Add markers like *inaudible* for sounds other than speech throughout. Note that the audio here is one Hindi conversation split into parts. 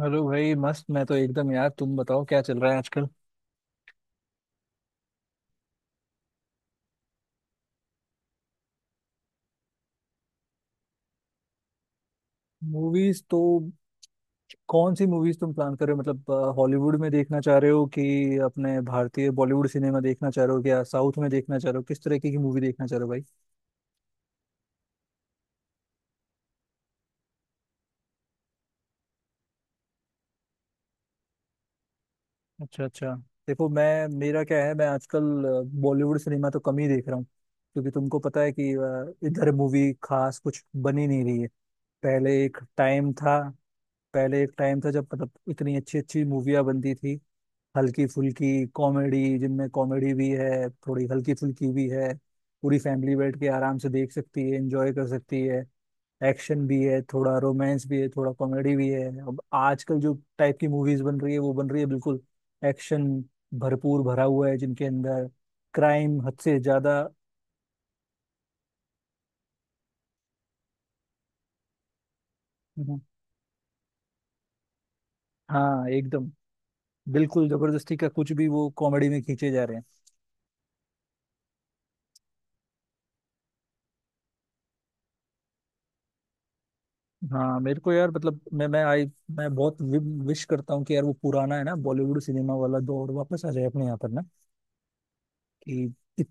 हेलो भाई, मस्त। मैं तो एकदम यार, तुम बताओ क्या चल रहा है आजकल। मूवीज तो कौन सी मूवीज तुम प्लान कर रहे हो? मतलब हॉलीवुड में देखना चाह रहे हो कि अपने भारतीय बॉलीवुड सिनेमा देखना चाह रहे हो या साउथ में देखना चाह रहे हो? किस तरीके की मूवी देखना चाह रहे हो भाई? अच्छा अच्छा। देखो मैं, मेरा क्या है, मैं आजकल बॉलीवुड सिनेमा तो कम ही देख रहा हूँ। क्योंकि तुमको पता है कि इधर मूवी खास कुछ बनी नहीं रही है। पहले एक टाइम था। पहले एक टाइम था जब मतलब इतनी अच्छी अच्छी मूवियाँ बनती थी। हल्की फुल्की कॉमेडी, जिनमें कॉमेडी भी है, थोड़ी हल्की फुल्की भी है, पूरी फैमिली बैठ के आराम से देख सकती है, एंजॉय कर सकती है। एक्शन भी है थोड़ा, रोमांस भी है थोड़ा, कॉमेडी भी है। अब आजकल जो टाइप की मूवीज बन रही है वो बन रही है बिल्कुल एक्शन भरपूर भरा हुआ है जिनके अंदर, क्राइम हद से ज्यादा। हम्म। हाँ एकदम, बिल्कुल जबरदस्ती का कुछ भी वो कॉमेडी में खींचे जा रहे हैं। हाँ मेरे को यार, मतलब मैं आई, मैं बहुत विश करता हूँ कि यार वो पुराना है ना बॉलीवुड सिनेमा वाला दौर वापस आ जाए अपने यहाँ पर ना। कि इत,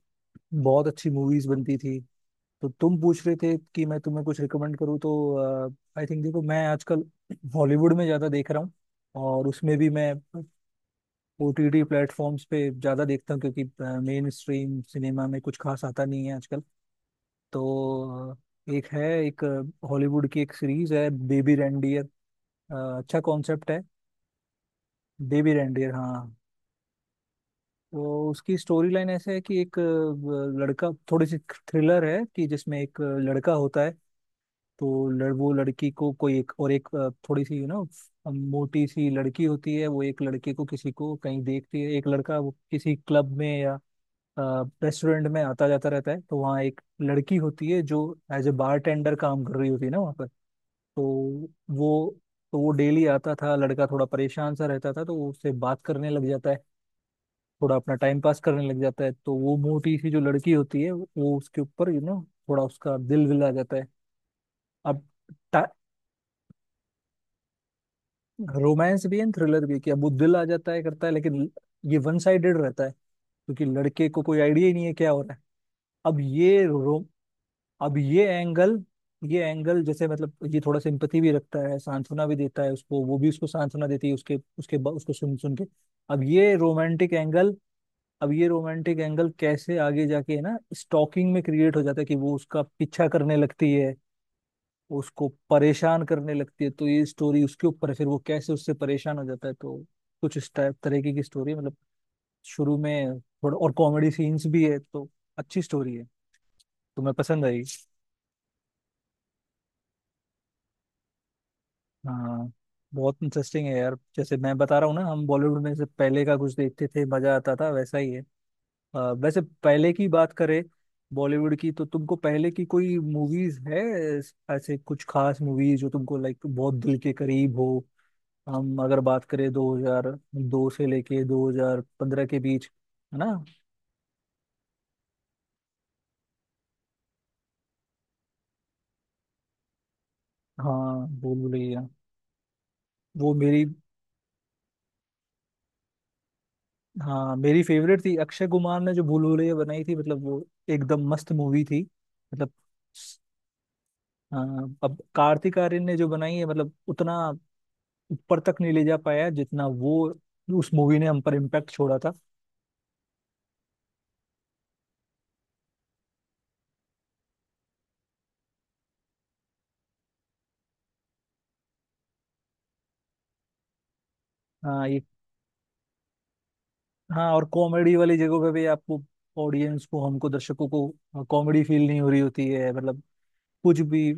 बहुत अच्छी मूवीज बनती थी। तो तुम पूछ रहे थे कि मैं तुम्हें कुछ रिकमेंड करूँ, तो आई थिंक, देखो मैं आजकल बॉलीवुड में ज्यादा देख रहा हूँ। और उसमें भी मैं ओटीटी प्लेटफॉर्म्स पे ज्यादा देखता हूँ, क्योंकि मेन स्ट्रीम सिनेमा में कुछ खास आता नहीं है आजकल। तो एक है, एक हॉलीवुड की एक सीरीज है बेबी रेंडियर। अच्छा कॉन्सेप्ट है। डेवी रेंडियर हाँ। तो उसकी स्टोरी लाइन ऐसे है कि एक लड़का, थोड़ी सी थ्रिलर है, कि जिसमें एक लड़का होता है। वो लड़की को कोई एक और एक थोड़ी सी, यू नो, मोटी सी लड़की होती है, वो एक लड़के को किसी को कहीं देखती है। एक लड़का वो किसी क्लब में या रेस्टोरेंट में आता जाता रहता है, तो वहाँ एक लड़की होती है जो एज ए बारटेंडर काम कर रही होती है ना वहाँ पर। तो वो, तो वो डेली आता था, लड़का थोड़ा परेशान सा रहता था, तो वो उससे बात करने लग जाता है, थोड़ा अपना टाइम पास करने लग जाता है। तो वो मोटी सी जो लड़की होती है वो उसके ऊपर, यू नो, थोड़ा उसका दिल विल आ जाता है। अब रोमांस भी है, थ्रिलर भी है, कि अब वो दिल आ जाता है करता है, लेकिन ये वन साइडेड रहता है क्योंकि लड़के को कोई आइडिया ही नहीं है क्या हो रहा है। अब ये रो अब ये एंगल, ये एंगल जैसे मतलब ये थोड़ा सिंपथी भी रखता है, सांत्वना भी देता है उसको, वो भी उसको सांत्वना देती है उसके उसके उसको सुन सुन के। अब ये रोमांटिक एंगल अब ये रोमांटिक एंगल कैसे आगे जाके है ना, स्टॉकिंग में क्रिएट हो जाता है कि वो उसका पीछा करने लगती है, उसको परेशान करने लगती है। तो ये स्टोरी उसके ऊपर है, फिर वो कैसे उससे परेशान हो जाता है, तो कुछ इस टाइप तरीके की स्टोरी है। मतलब शुरू में थोड़ा और कॉमेडी सीन्स भी है, तो अच्छी स्टोरी है। तुम्हें पसंद आई। हाँ बहुत इंटरेस्टिंग है यार, जैसे मैं बता रहा हूँ ना हम बॉलीवुड में से पहले का कुछ देखते थे मजा आता था, वैसा ही है। वैसे पहले की बात करें बॉलीवुड की, तो तुमको पहले की कोई मूवीज है ऐसे कुछ खास मूवीज जो तुमको लाइक बहुत दिल के करीब हो? हम अगर बात करें 2002 से लेके 2015 के बीच, है ना। हाँ भूल भुलैया, वो मेरी, हाँ मेरी फेवरेट थी। अक्षय कुमार ने जो भूल भुलैया बनाई थी, मतलब वो एकदम मस्त मूवी थी मतलब। हाँ, अब कार्तिक आर्यन ने जो बनाई है मतलब उतना ऊपर तक नहीं ले जा पाया जितना वो उस मूवी ने हम पर इम्पैक्ट छोड़ा था। हाँ ये, हाँ और कॉमेडी वाली जगहों पे भी आपको ऑडियंस को, हमको, दर्शकों को कॉमेडी फील नहीं हो रही होती है, मतलब कुछ भी।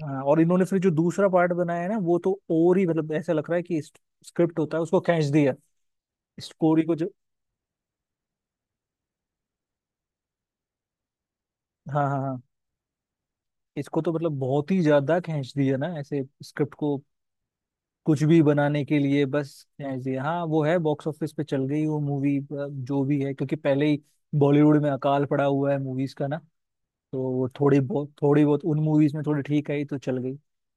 हाँ, और इन्होंने फिर जो दूसरा पार्ट बनाया है ना, वो तो और ही, मतलब ऐसा लग रहा है कि स्क्रिप्ट होता है उसको खींच दिया, स्टोरी को जो। हाँ हाँ हाँ। इसको तो मतलब बहुत ही ज्यादा खींच दिया ना ऐसे स्क्रिप्ट को, कुछ भी बनाने के लिए। बस ऐसे हाँ, वो है बॉक्स ऑफिस पे चल गई वो मूवी, जो भी है, क्योंकि पहले ही बॉलीवुड में अकाल पड़ा हुआ है मूवीज का ना, तो वो थोड़ी बहुत, थोड़ी बहुत उन मूवीज में थोड़ी ठीक आई तो चल गई।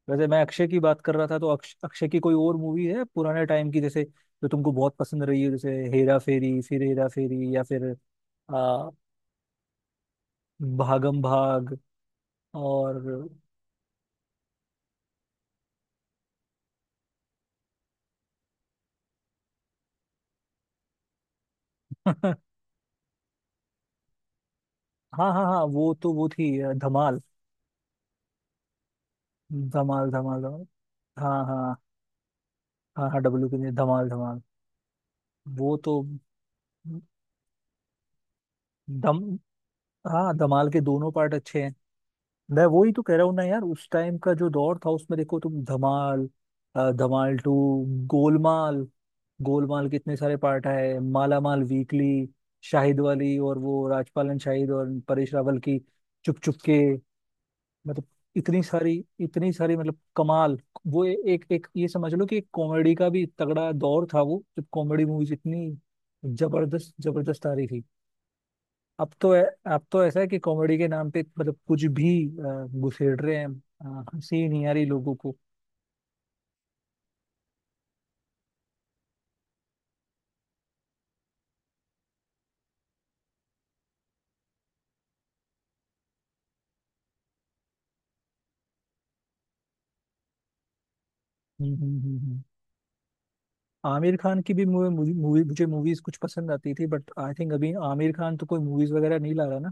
वैसे मैं अक्षय की बात कर रहा था, तो अक्षय की कोई और मूवी है पुराने टाइम की जैसे, जो तुमको बहुत पसंद रही है? जैसे हेरा फेरी, फिर हेरा फेरी, या फिर आ, भागम भाग और, *laughs* हाँ हाँ हाँ वो तो वो थी धमाल। धमाल धमाल धमाल। हाँ हाँ, हाँ हाँ डब्लू के लिए धमाल धमाल। वो तो दम, हाँ धमाल के दोनों पार्ट अच्छे हैं। मैं वही तो कह रहा हूँ ना यार, उस टाइम का जो दौर था उसमें देखो तुम धमाल, धमाल टू, गोलमाल, गोलमाल के इतने सारे पार्ट आए, माला माल वीकली, शाहिद वाली और वो राजपालन शाहिद और परेश रावल की चुप चुप के, मतलब इतनी सारी, इतनी सारी मतलब कमाल। वो एक एक, ये समझ लो कि एक कॉमेडी का भी तगड़ा दौर था वो, जब कॉमेडी मूवीज इतनी जबरदस्त जबरदस्त आ रही थी। अब तो ऐ- अब तो ऐसा है कि कॉमेडी के नाम पे मतलब कुछ भी घुसेड़ रहे हैं, हंसी नहीं आ रही लोगों को। हम्म। आमिर खान की भी मूवी मूवी मूवी- मुझे मूवीज कुछ पसंद आती थी, बट आई थिंक अभी आमिर खान तो कोई मूवीज वगैरह नहीं ला रहा ना।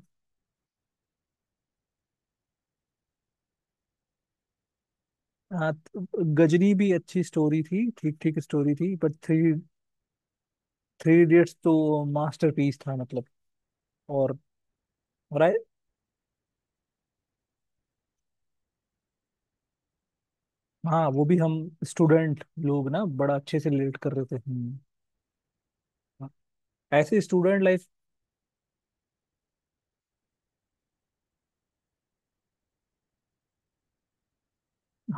हाँ तो गजनी भी अच्छी स्टोरी थी, ठीक ठीक स्टोरी थी, बट थ्री थ्री इडियट्स तो मास्टरपीस था मतलब। और और आए, हाँ वो भी हम स्टूडेंट लोग ना बड़ा अच्छे से रिलेट कर रहे थे। हाँ, ऐसे स्टूडेंट लाइफ।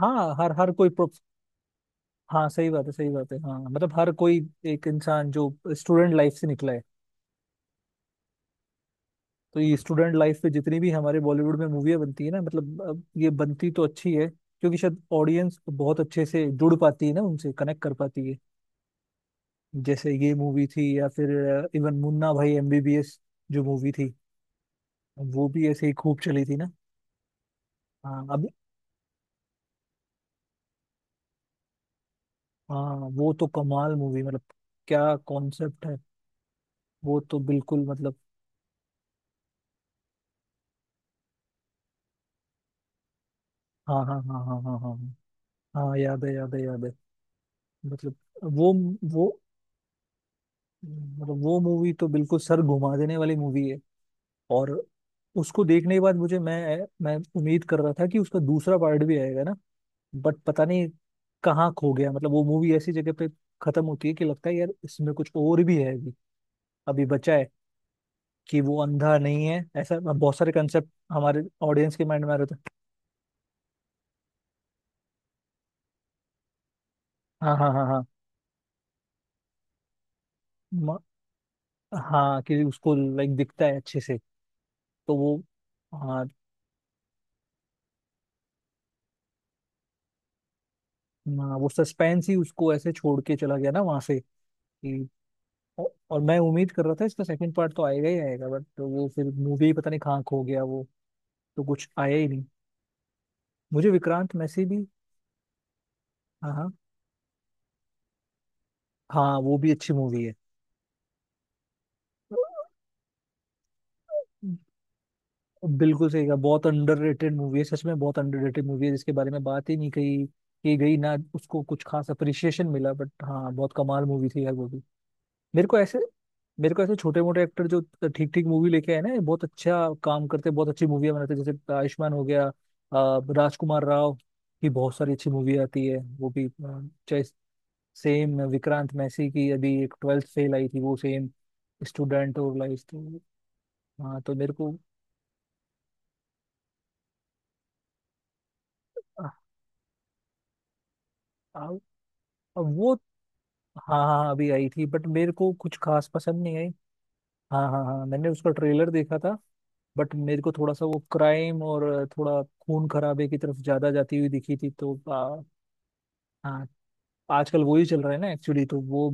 हाँ हर हर हाँ सही बात है, सही बात है। हाँ मतलब हर कोई, एक इंसान जो स्टूडेंट लाइफ से निकला है। तो ये स्टूडेंट लाइफ पे जितनी भी हमारे बॉलीवुड में मूवियाँ बनती है ना, मतलब अब ये बनती तो अच्छी है क्योंकि शायद ऑडियंस बहुत अच्छे से जुड़ पाती है ना, उनसे कनेक्ट कर पाती है। जैसे ये मूवी थी, या फिर इवन मुन्ना भाई एमबीबीएस जो मूवी थी, वो भी ऐसे ही खूब चली थी ना। हाँ अभी, हाँ वो तो कमाल मूवी, मतलब क्या कॉन्सेप्ट है। वो तो बिल्कुल मतलब, हाँ हाँ हाँ हाँ हाँ हाँ हाँ। हाँ, याद है याद है याद है। मतलब वो वो, मतलब वो मूवी तो बिल्कुल सर घुमा देने वाली मूवी है। और उसको देखने के बाद मुझे, मैं उम्मीद कर रहा था कि उसका दूसरा पार्ट भी आएगा ना, बट पता नहीं कहाँ खो गया। मतलब वो मूवी ऐसी जगह पे खत्म होती है कि लगता है यार इसमें कुछ और भी है अभी, अभी बचा है, कि वो अंधा नहीं है, ऐसा बहुत सारे कंसेप्ट हमारे ऑडियंस के माइंड में आ रहे थे। हाँ हाँ हाँ हाँ, म, हाँ कि उसको लाइक दिखता है अच्छे से। तो वो, हाँ हाँ, वो सस्पेंस ही उसको ऐसे छोड़ के चला गया ना वहां से कि, और मैं उम्मीद कर रहा था इसका सेकंड पार्ट तो आएगा ही आएगा, बट वो फिर मूवी ही पता नहीं कहाँ खो गया वो, तो कुछ आया ही नहीं। मुझे विक्रांत मैसी भी, हाँ हाँ हाँ, वो भी अच्छी मूवी है। बिल्कुल सही कहा, बहुत अंडररेटेड मूवी है, सच में बहुत अंडररेटेड मूवी है, जिसके बारे में बात ही नहीं कही की गई ना, उसको कुछ खास अप्रिशिएशन मिला, बट हाँ बहुत कमाल मूवी थी यार वो भी। मेरे को ऐसे, मेरे को ऐसे छोटे मोटे एक्टर जो ठीक ठीक मूवी लेके आए ना, ये बहुत अच्छा काम करते, बहुत अच्छी मूवियाँ बनाते हैं। जैसे आयुष्मान हो गया, राजकुमार राव की बहुत सारी अच्छी मूवी आती है, वो भी, चाहे सेम विक्रांत मैसी की अभी एक ट्वेल्थ फेल आई थी, वो सेम स्टूडेंट और लाइफ तो। हाँ तो मेरे को, आ, आ, वो, हाँ हाँ हाँ, अभी आई थी बट मेरे को कुछ खास पसंद नहीं आई। हाँ हाँ हाँ मैंने उसका ट्रेलर देखा था, बट मेरे को थोड़ा सा वो क्राइम और थोड़ा खून खराबे की तरफ ज्यादा जाती हुई दिखी थी, तो हाँ आजकल वो ही चल रहा है ना एक्चुअली, तो वो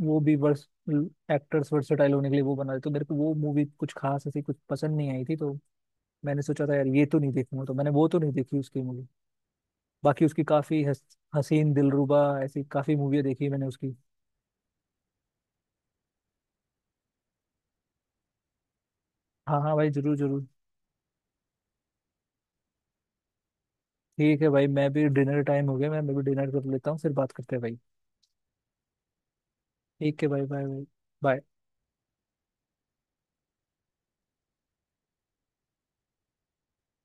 वो भी वर्स एक्टर्स वर्सेटाइल होने के लिए वो बना रहे, तो मेरे को वो मूवी कुछ खास ऐसी कुछ पसंद नहीं आई थी, तो मैंने सोचा था यार ये तो नहीं देखूंगा, तो मैंने वो तो नहीं देखी उसकी मूवी। बाकी उसकी काफी हसीन दिलरुबा ऐसी काफी मूवी देखी मैंने उसकी। हाँ हाँ भाई जरूर जरूर। ठीक है भाई, मैं भी डिनर टाइम हो गया, मैं भी डिनर कर लेता हूँ फिर बात करते हैं भाई। ठीक है भाई, बाय बाय।